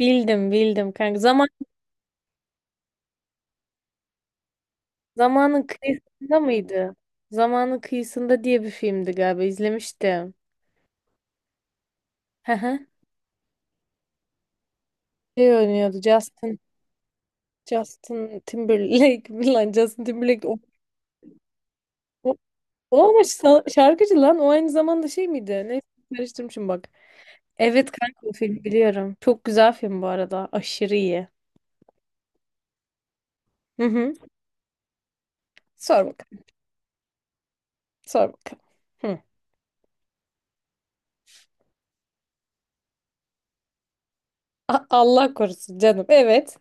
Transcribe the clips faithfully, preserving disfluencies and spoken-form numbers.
Bildim bildim kanka. Zaman zamanın kıyısında mıydı? Zamanın kıyısında diye bir filmdi galiba izlemiştim. Hı hı. Şey oynuyordu Justin Justin Timberlake lan Justin Timberlake o, o, o ama şa- şarkıcı lan o aynı zamanda şey miydi? Neyse karıştırmışım bak. Evet kanka o filmi biliyorum. Çok güzel film bu arada. Aşırı iyi. Hı hı. Sor bakalım. Sor bakalım. Hı. A- Allah korusun canım. Evet.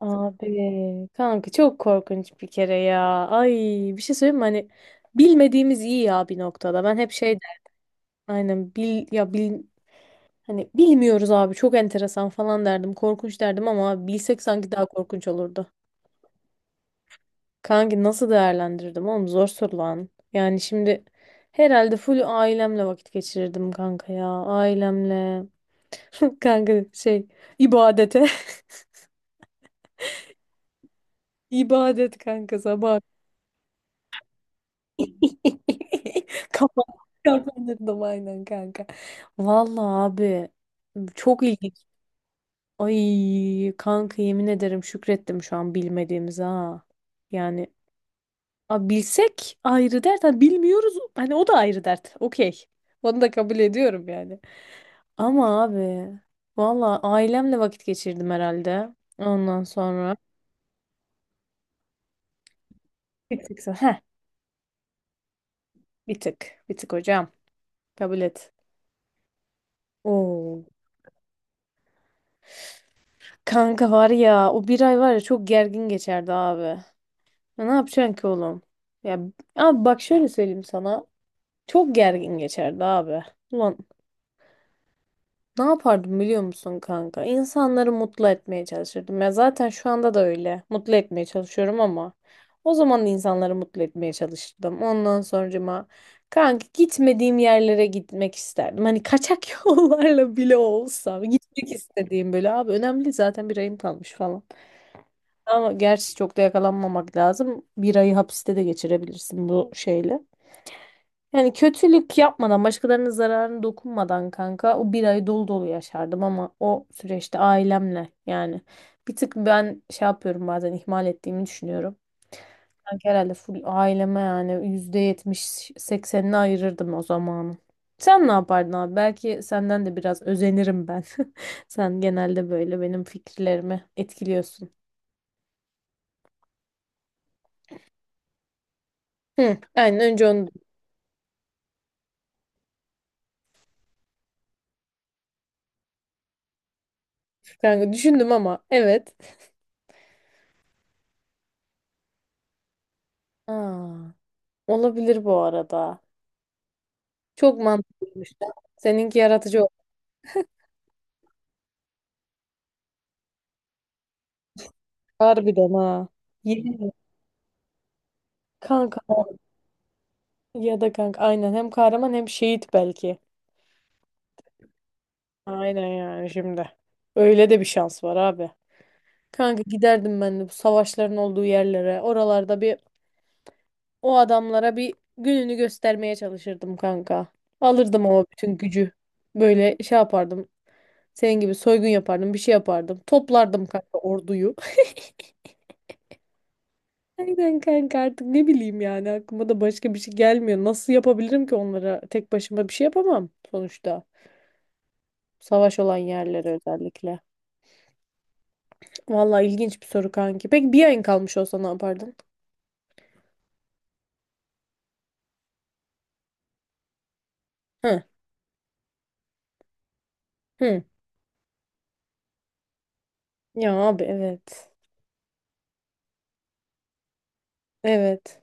Abi kanka çok korkunç bir kere ya. Ay, bir şey söyleyeyim mi? Hani bilmediğimiz iyi ya bir noktada. Ben hep şey derdim. Aynen bil ya bil, hani bilmiyoruz abi çok enteresan falan derdim. Korkunç derdim ama abi bilsek sanki daha korkunç olurdu. Kanki nasıl değerlendirdim oğlum, zor soru lan. Yani şimdi herhalde full ailemle vakit geçirirdim kanka ya. Ailemle. Kanka şey, ibadete. İbadet kanka sabah. Kafam çarpandırdım aynen kanka. Vallahi abi çok ilginç. Ay kanka yemin ederim, şükrettim şu an bilmediğimize ha. Yani a, bilsek ayrı dert. Ha, bilmiyoruz hani o da ayrı dert. Okey. Onu da kabul ediyorum yani. Ama abi vallahi ailemle vakit geçirdim herhalde. Ondan sonra bir tık. Heh, bir tık. Bir tık hocam. Kabul et. Oo. Kanka var ya, o bir ay var ya, çok gergin geçerdi abi. Ya ne yapacaksın ki oğlum? Ya abi bak, şöyle söyleyeyim sana. Çok gergin geçerdi abi. Ulan ne yapardım biliyor musun kanka? İnsanları mutlu etmeye çalışırdım. Ya zaten şu anda da öyle. Mutlu etmeye çalışıyorum ama o zaman da insanları mutlu etmeye çalışırdım. Ondan sonracıma kanka gitmediğim yerlere gitmek isterdim. Hani kaçak yollarla bile olsa gitmek istediğim, böyle abi önemli değil, zaten bir ayım kalmış falan. Ama gerçi çok da yakalanmamak lazım. Bir ayı hapiste de geçirebilirsin bu şeyle. Yani kötülük yapmadan, başkalarının zararını dokunmadan kanka o bir ay dolu dolu yaşardım ama o süreçte ailemle, yani bir tık ben şey yapıyorum bazen, ihmal ettiğimi düşünüyorum. Sanki herhalde full aileme, yani yüzde yetmiş seksenini ayırırdım o zamanı. Sen ne yapardın abi? Belki senden de biraz özenirim ben. Sen genelde böyle benim fikirlerimi etkiliyorsun. Hı, aynen önce onu. Kanka düşündüm ama evet. Aa, olabilir bu arada. Çok mantıklıymış. Seninki yaratıcı olmuş. Harbiden ha. Yemin ederim. Kanka ya da kanka aynen, hem kahraman hem şehit belki. Aynen yani şimdi. Öyle de bir şans var abi. Kanka giderdim ben de bu savaşların olduğu yerlere. Oralarda bir, o adamlara bir gününü göstermeye çalışırdım kanka. Alırdım ama bütün gücü. Böyle şey yapardım. Senin gibi soygun yapardım, bir şey yapardım. Toplardım kanka orduyu. Aynen kanka, artık ne bileyim yani, aklıma da başka bir şey gelmiyor. Nasıl yapabilirim ki onlara? Tek başıma bir şey yapamam sonuçta. Savaş olan yerlere özellikle. Vallahi ilginç bir soru kanki. Peki bir ayın kalmış olsa ne yapardın? Hı. Hı. Ya abi evet. Evet.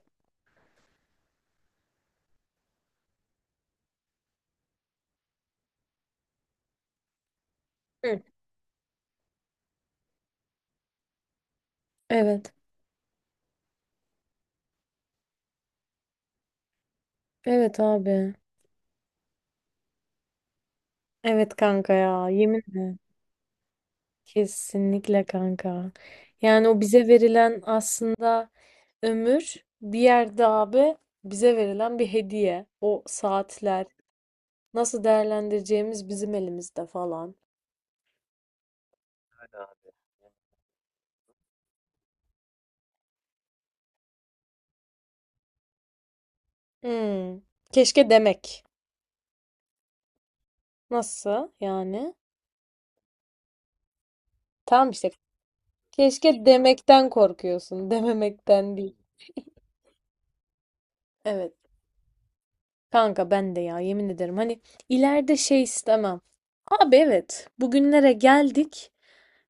Hı. Evet. Evet abi. Evet kanka ya, yeminle. Kesinlikle kanka. Yani o bize verilen aslında ömür, bir yerde abi bize verilen bir hediye. O saatler, nasıl değerlendireceğimiz bizim elimizde falan. Hmm. Keşke demek. Nasıl yani? Tamam işte. Keşke demekten korkuyorsun, dememekten değil. Evet. Kanka ben de ya, yemin ederim. Hani ileride şey istemem. Abi evet, bugünlere geldik.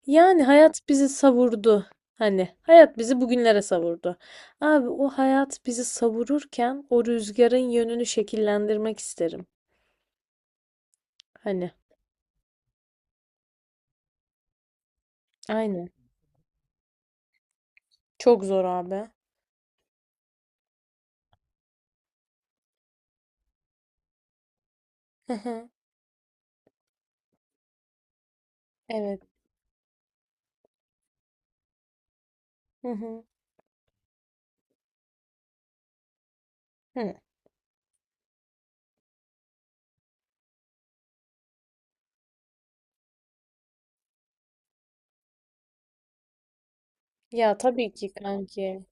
Yani hayat bizi savurdu. Hani hayat bizi bugünlere savurdu. Abi o hayat bizi savururken o rüzgarın yönünü şekillendirmek isterim. Hani aynen. Çok zor abi. Evet. Hı hı. Hı. Ya tabii ki kanki.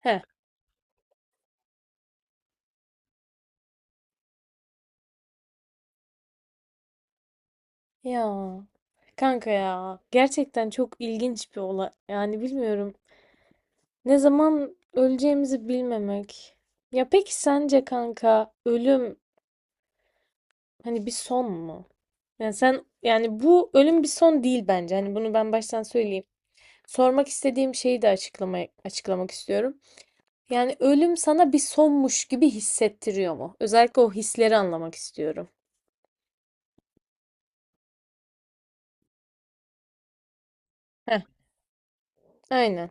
Heh. Ya. Kanka ya. Gerçekten çok ilginç bir olay. Yani bilmiyorum. Ne zaman öleceğimizi bilmemek. Ya peki sence kanka ölüm hani bir son mu? Yani sen, yani bu ölüm bir son değil bence. Hani bunu ben baştan söyleyeyim. Sormak istediğim şeyi de açıklamaya, açıklamak istiyorum. Yani ölüm sana bir sonmuş gibi hissettiriyor mu? Özellikle o hisleri anlamak istiyorum. Heh, aynen.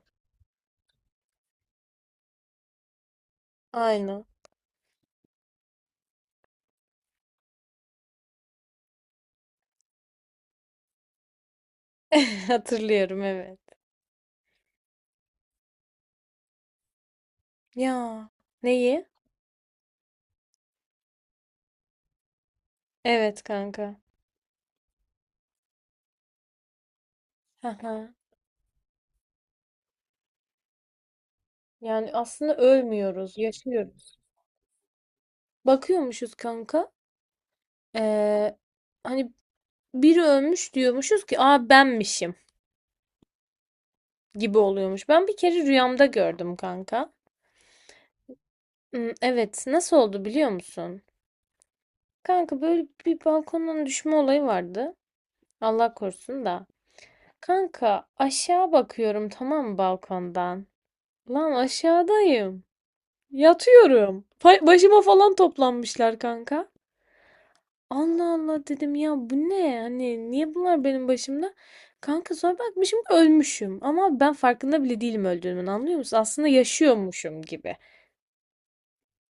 Aynen. Hatırlıyorum, evet. Ya neyi? Evet kanka. Haha. Yani aslında ölmüyoruz, yaşıyoruz. Bakıyormuşuz kanka. Ee, Hani biri ölmüş diyormuşuz ki aa benmişim gibi oluyormuş. Ben bir kere rüyamda gördüm kanka. Hmm, evet, nasıl oldu biliyor musun? Kanka böyle bir balkondan düşme olayı vardı. Allah korusun da. Kanka aşağı bakıyorum, tamam mı, balkondan. Lan aşağıdayım. Yatıyorum. Fa- Başıma falan toplanmışlar kanka. Allah Allah dedim, ya bu ne? Hani niye bunlar benim başımda? Kanka sonra bakmışım, ölmüşüm. Ama ben farkında bile değilim öldüğümün, anlıyor musun? Aslında yaşıyormuşum gibi.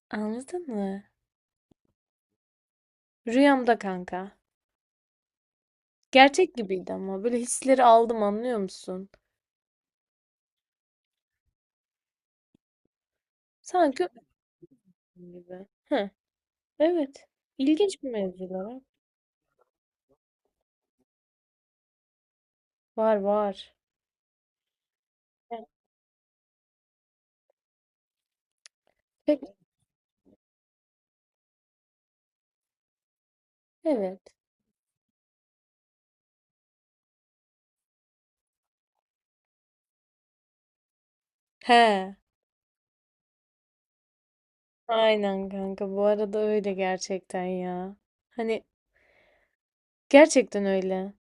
Anladın mı? Rüyamda kanka. Gerçek gibiydi ama böyle hisleri aldım, anlıyor musun? Sanki ölmüşüm gibi. Hı, evet. İlginç bir mevzular var. Var var. Yani pek- evet. He. Aynen kanka, bu arada öyle gerçekten ya. Hani gerçekten öyle.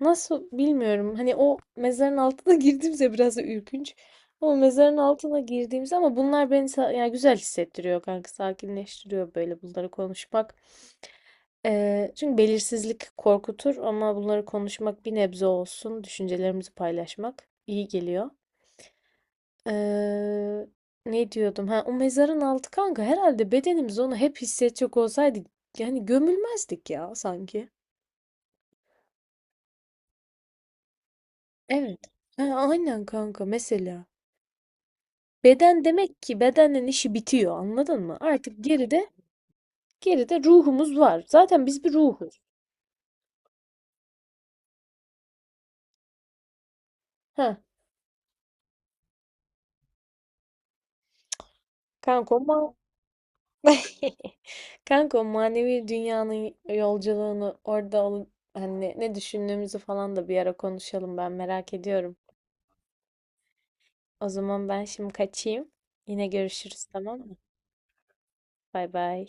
Nasıl bilmiyorum. Hani o mezarın altına girdiğimizde biraz da ürkünç. Ama mezarın altına girdiğimizde, ama bunlar beni sa- yani güzel hissettiriyor kanka. Sakinleştiriyor böyle bunları konuşmak. Ee, çünkü belirsizlik korkutur ama bunları konuşmak bir nebze olsun, düşüncelerimizi paylaşmak iyi geliyor. Eee, Ne diyordum? Ha, o mezarın altı kanka, herhalde bedenimiz onu hep hissedecek olsaydı yani gömülmezdik ya sanki. Evet. Ha, aynen kanka mesela. Beden, demek ki bedenden işi bitiyor, anladın mı? Artık geride geride ruhumuz var. Zaten biz bir ruhuz. Ha, kanka o ma- kanka o manevi dünyanın yolculuğunu orada alın, hani ne ne düşündüğümüzü falan da bir ara konuşalım, ben merak ediyorum. O zaman ben şimdi kaçayım. Yine görüşürüz, tamam mı? Bay bay.